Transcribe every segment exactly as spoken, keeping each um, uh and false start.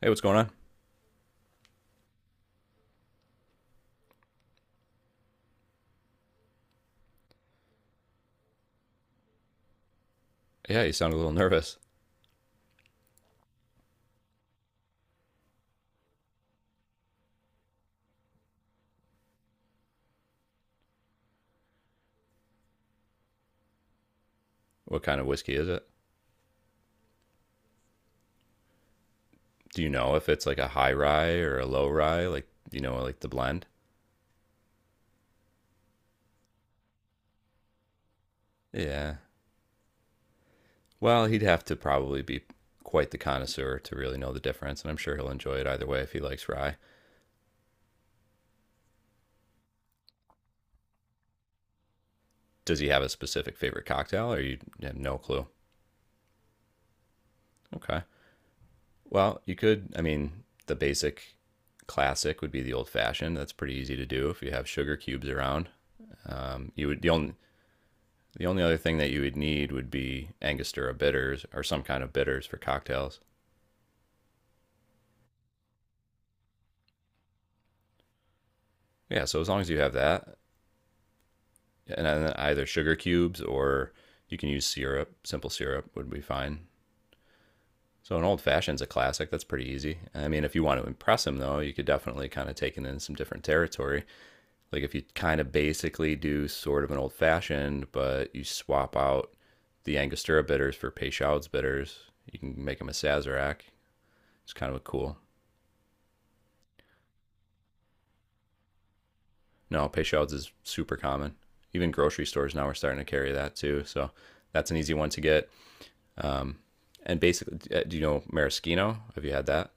Hey, what's going on? Yeah, you sound a little nervous. What kind of whiskey is it? Do you know if it's like a high rye or a low rye? Like, you know, like the blend? Yeah. Well, he'd have to probably be quite the connoisseur to really know the difference, and I'm sure he'll enjoy it either way if he likes rye. Does he have a specific favorite cocktail, or you have no clue? Okay. Well, you could, I mean, the basic classic would be the old fashioned. That's pretty easy to do if you have sugar cubes around. Um, you would the only The only other thing that you would need would be Angostura bitters or some kind of bitters for cocktails. Yeah, so as long as you have that, and then either sugar cubes or you can use syrup, simple syrup would be fine. So an old fashioned's a classic. That's pretty easy. I mean, if you want to impress him though, you could definitely kind of take it in some different territory. Like if you kind of basically do sort of an old fashioned, but you swap out the Angostura bitters for Peychaud's bitters, you can make them a Sazerac. It's kind of a cool. No, pay shouts is super common. Even grocery stores now are starting to carry that too. So that's an easy one to get. Um, and basically, uh, do you know maraschino? Have you had that?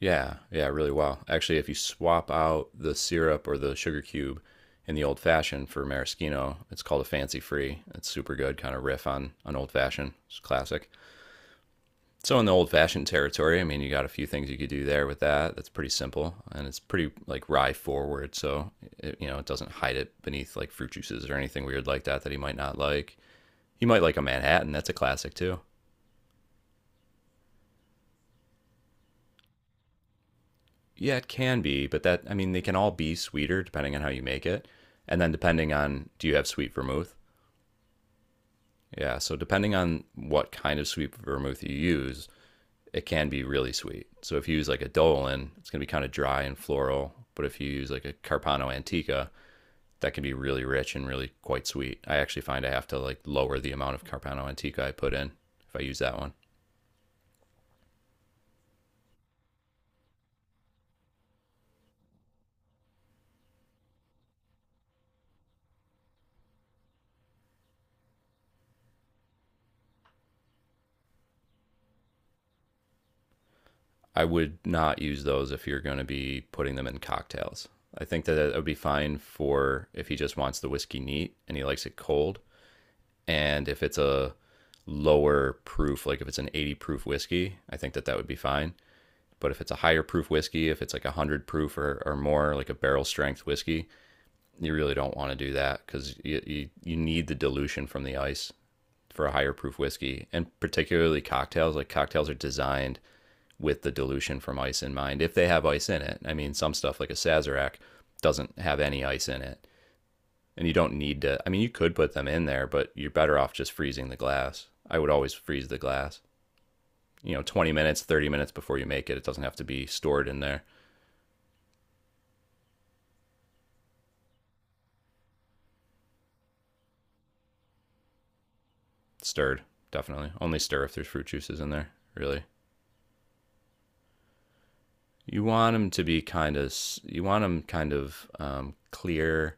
Yeah, yeah, really well. Actually, if you swap out the syrup or the sugar cube in the old fashioned for maraschino, it's called a fancy free. It's super good, kind of riff on on old fashioned. It's classic. So in the old fashioned territory, I mean, you got a few things you could do there with that. That's pretty simple, and it's pretty like rye forward. So it, you know, it doesn't hide it beneath like fruit juices or anything weird like that that he might not like. He might like a Manhattan. That's a classic too. Yeah, it can be, but that I mean, they can all be sweeter depending on how you make it, and then depending on do you have sweet vermouth. Yeah, so depending on what kind of sweet vermouth you use, it can be really sweet. So if you use like a Dolan, it's going to be kind of dry and floral. But if you use like a Carpano Antica, that can be really rich and really quite sweet. I actually find I have to like lower the amount of Carpano Antica I put in if I use that one. I would not use those if you're going to be putting them in cocktails. I think that it would be fine for if he just wants the whiskey neat and he likes it cold. And if it's a lower proof, like if it's an eighty proof whiskey, I think that that would be fine. But if it's a higher proof whiskey, if it's like one hundred proof or, or more, like a barrel strength whiskey, you really don't want to do that because you, you, you need the dilution from the ice for a higher proof whiskey. And particularly cocktails, like cocktails are designed with the dilution from ice in mind if they have ice in it. I mean, some stuff like a Sazerac doesn't have any ice in it. And you don't need to, I mean, you could put them in there, but you're better off just freezing the glass. I would always freeze the glass. You know, twenty minutes, thirty minutes before you make it. It doesn't have to be stored in there. Stirred, definitely only stir if there's fruit juices in there really. You want them to be kind of, you want them kind of um, clear.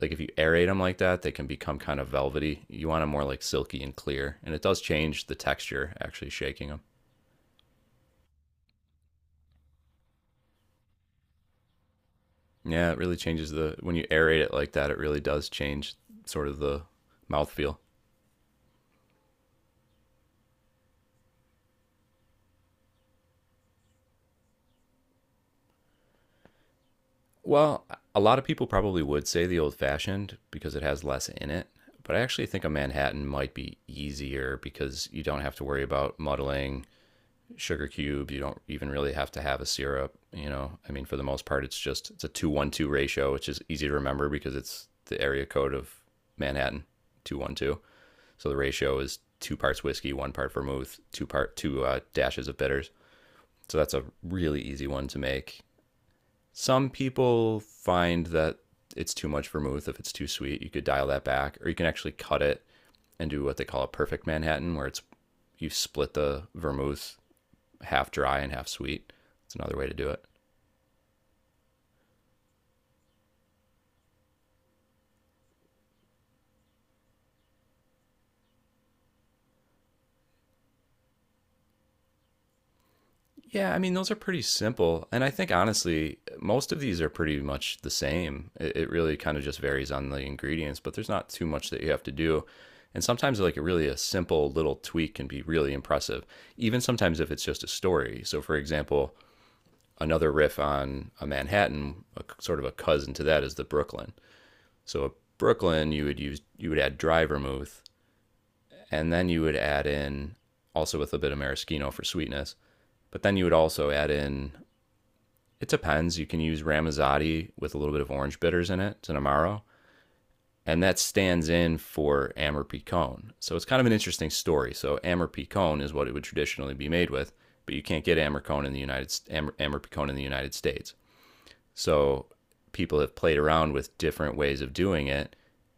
Like if you aerate them like that, they can become kind of velvety. You want them more like silky and clear, and it does change the texture, actually shaking them. Yeah, it really changes the, when you aerate it like that, it really does change sort of the mouthfeel. Well, a lot of people probably would say the old fashioned because it has less in it, but I actually think a Manhattan might be easier because you don't have to worry about muddling sugar cubes. You don't even really have to have a syrup. You know, I mean, for the most part, it's just it's a two one two ratio, which is easy to remember because it's the area code of Manhattan, two one two. So the ratio is two parts whiskey, one part vermouth, two part two uh, dashes of bitters. So that's a really easy one to make. Some people find that it's too much vermouth if it's too sweet. You could dial that back, or you can actually cut it and do what they call a perfect Manhattan, where it's you split the vermouth half dry and half sweet. It's another way to do it. Yeah, I mean those are pretty simple, and I think honestly most of these are pretty much the same. It, it really kind of just varies on the ingredients, but there's not too much that you have to do. And sometimes like a really a simple little tweak can be really impressive, even sometimes if it's just a story. So for example, another riff on a Manhattan, a, sort of a cousin to that is the Brooklyn. So a Brooklyn, you would use you would add dry vermouth, and then you would add in also with a bit of maraschino for sweetness, but then you would also add in. It depends. You can use Ramazzotti with a little bit of orange bitters in it. It's an amaro, and that stands in for Amber. So it's kind of an interesting story. So Amber is what it would traditionally be made with, but you can't get Amber in the United Amber, Amber in the United States. So people have played around with different ways of doing it,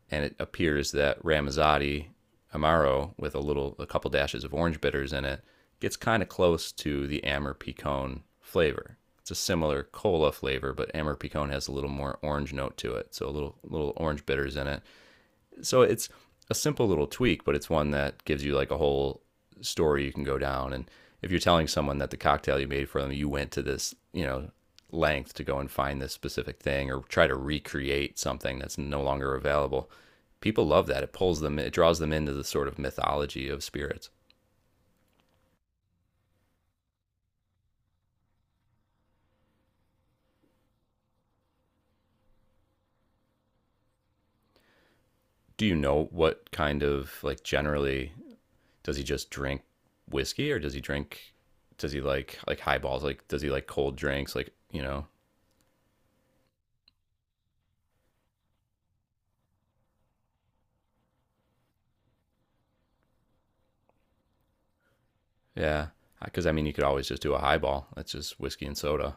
and it appears that Ramazzotti Amaro with a little, a couple dashes of orange bitters in it gets kind of close to the Amber Picon flavor. It's a similar cola flavor, but Amber Picon has a little more orange note to it, so a little little orange bitters in it, so it's a simple little tweak, but it's one that gives you like a whole story you can go down. And if you're telling someone that the cocktail you made for them, you went to this, you know, length to go and find this specific thing or try to recreate something that's no longer available, people love that. It pulls them, it draws them into the sort of mythology of spirits. Do you know what kind of, like, generally does he just drink whiskey, or does he drink, does he like like highballs, like does he like cold drinks, like you know. Yeah, because I mean, you could always just do a highball. That's just whiskey and soda.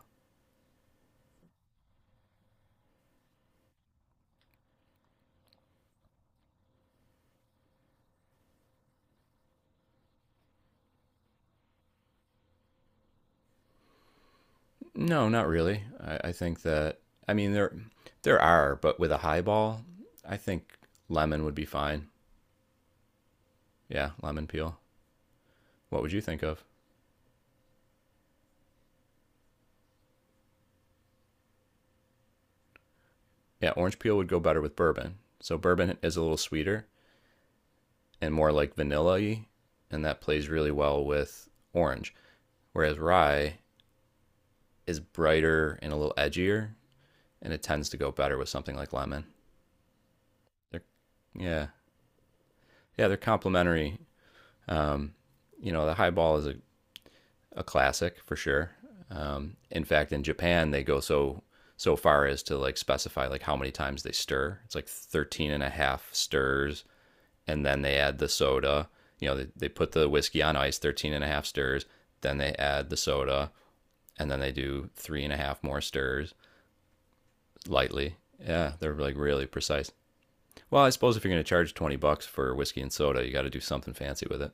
No, not really. I, I think that, I mean there there are, but with a highball, I think lemon would be fine. Yeah, lemon peel. What would you think of? Yeah, orange peel would go better with bourbon. So bourbon is a little sweeter and more like vanilla-y, and that plays really well with orange. Whereas rye is brighter and a little edgier, and it tends to go better with something like lemon. They're, yeah, yeah, they're complementary, you know. The high ball is a, a classic for sure. Um, in fact, in Japan, they go so so far as to like specify like how many times they stir. It's like thirteen and a half stirs, and then they add the soda. You know, they, they put the whiskey on ice, thirteen and a half stirs, then they add the soda, and then they do three and a half more stirs lightly. Yeah, they're like really precise. Well, I suppose if you're going to charge twenty bucks for whiskey and soda, you got to do something fancy with it.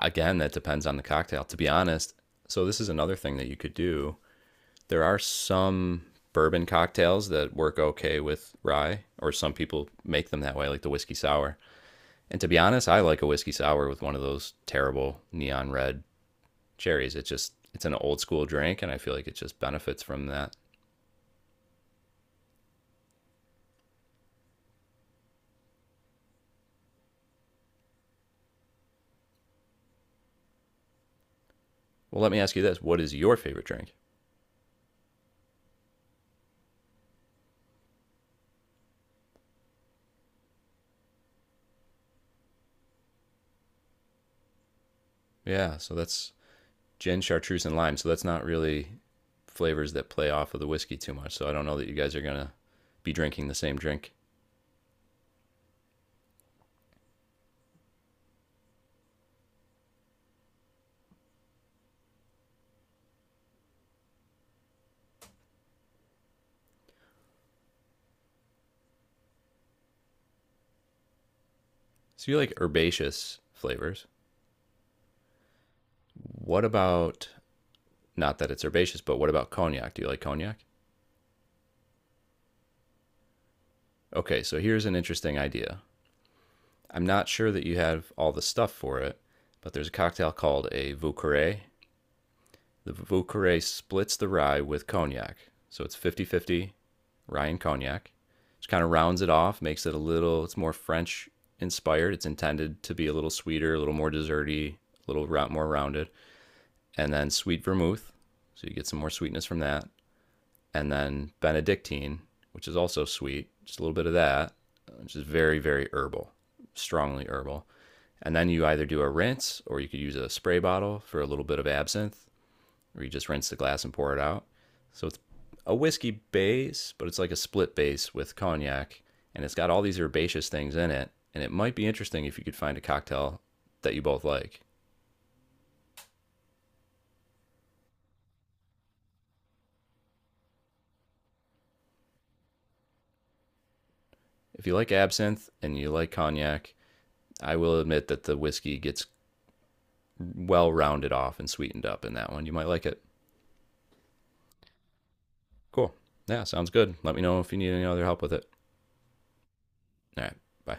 Again, that depends on the cocktail, to be honest. So, this is another thing that you could do. There are some bourbon cocktails that work okay with rye, or some people make them that way, like the whiskey sour. And to be honest, I like a whiskey sour with one of those terrible neon red cherries. It's just, it's an old school drink, and I feel like it just benefits from that. Well, let me ask you this, what is your favorite drink? Yeah, so that's gin, chartreuse, and lime. So that's not really flavors that play off of the whiskey too much. So I don't know that you guys are gonna be drinking the same drink. So you like herbaceous flavors. What about, not that it's herbaceous, but what about cognac? Do you like cognac? Okay, so here's an interesting idea. I'm not sure that you have all the stuff for it, but there's a cocktail called a Vucare. The Vauqueray splits the rye with cognac. So it's fifty-fifty rye and cognac. Just kind of rounds it off, makes it a little, it's more French inspired. It's intended to be a little sweeter, a little more desserty, a little round, more rounded. And then sweet vermouth. So you get some more sweetness from that. And then Benedictine, which is also sweet, just a little bit of that, which is very, very herbal, strongly herbal. And then you either do a rinse or you could use a spray bottle for a little bit of absinthe, where you just rinse the glass and pour it out. So it's a whiskey base, but it's like a split base with cognac, and it's got all these herbaceous things in it. And it might be interesting if you could find a cocktail that you both like. If you like absinthe and you like cognac, I will admit that the whiskey gets well rounded off and sweetened up in that one. You might like it. Cool. Yeah, sounds good. Let me know if you need any other help with it. All right. Bye.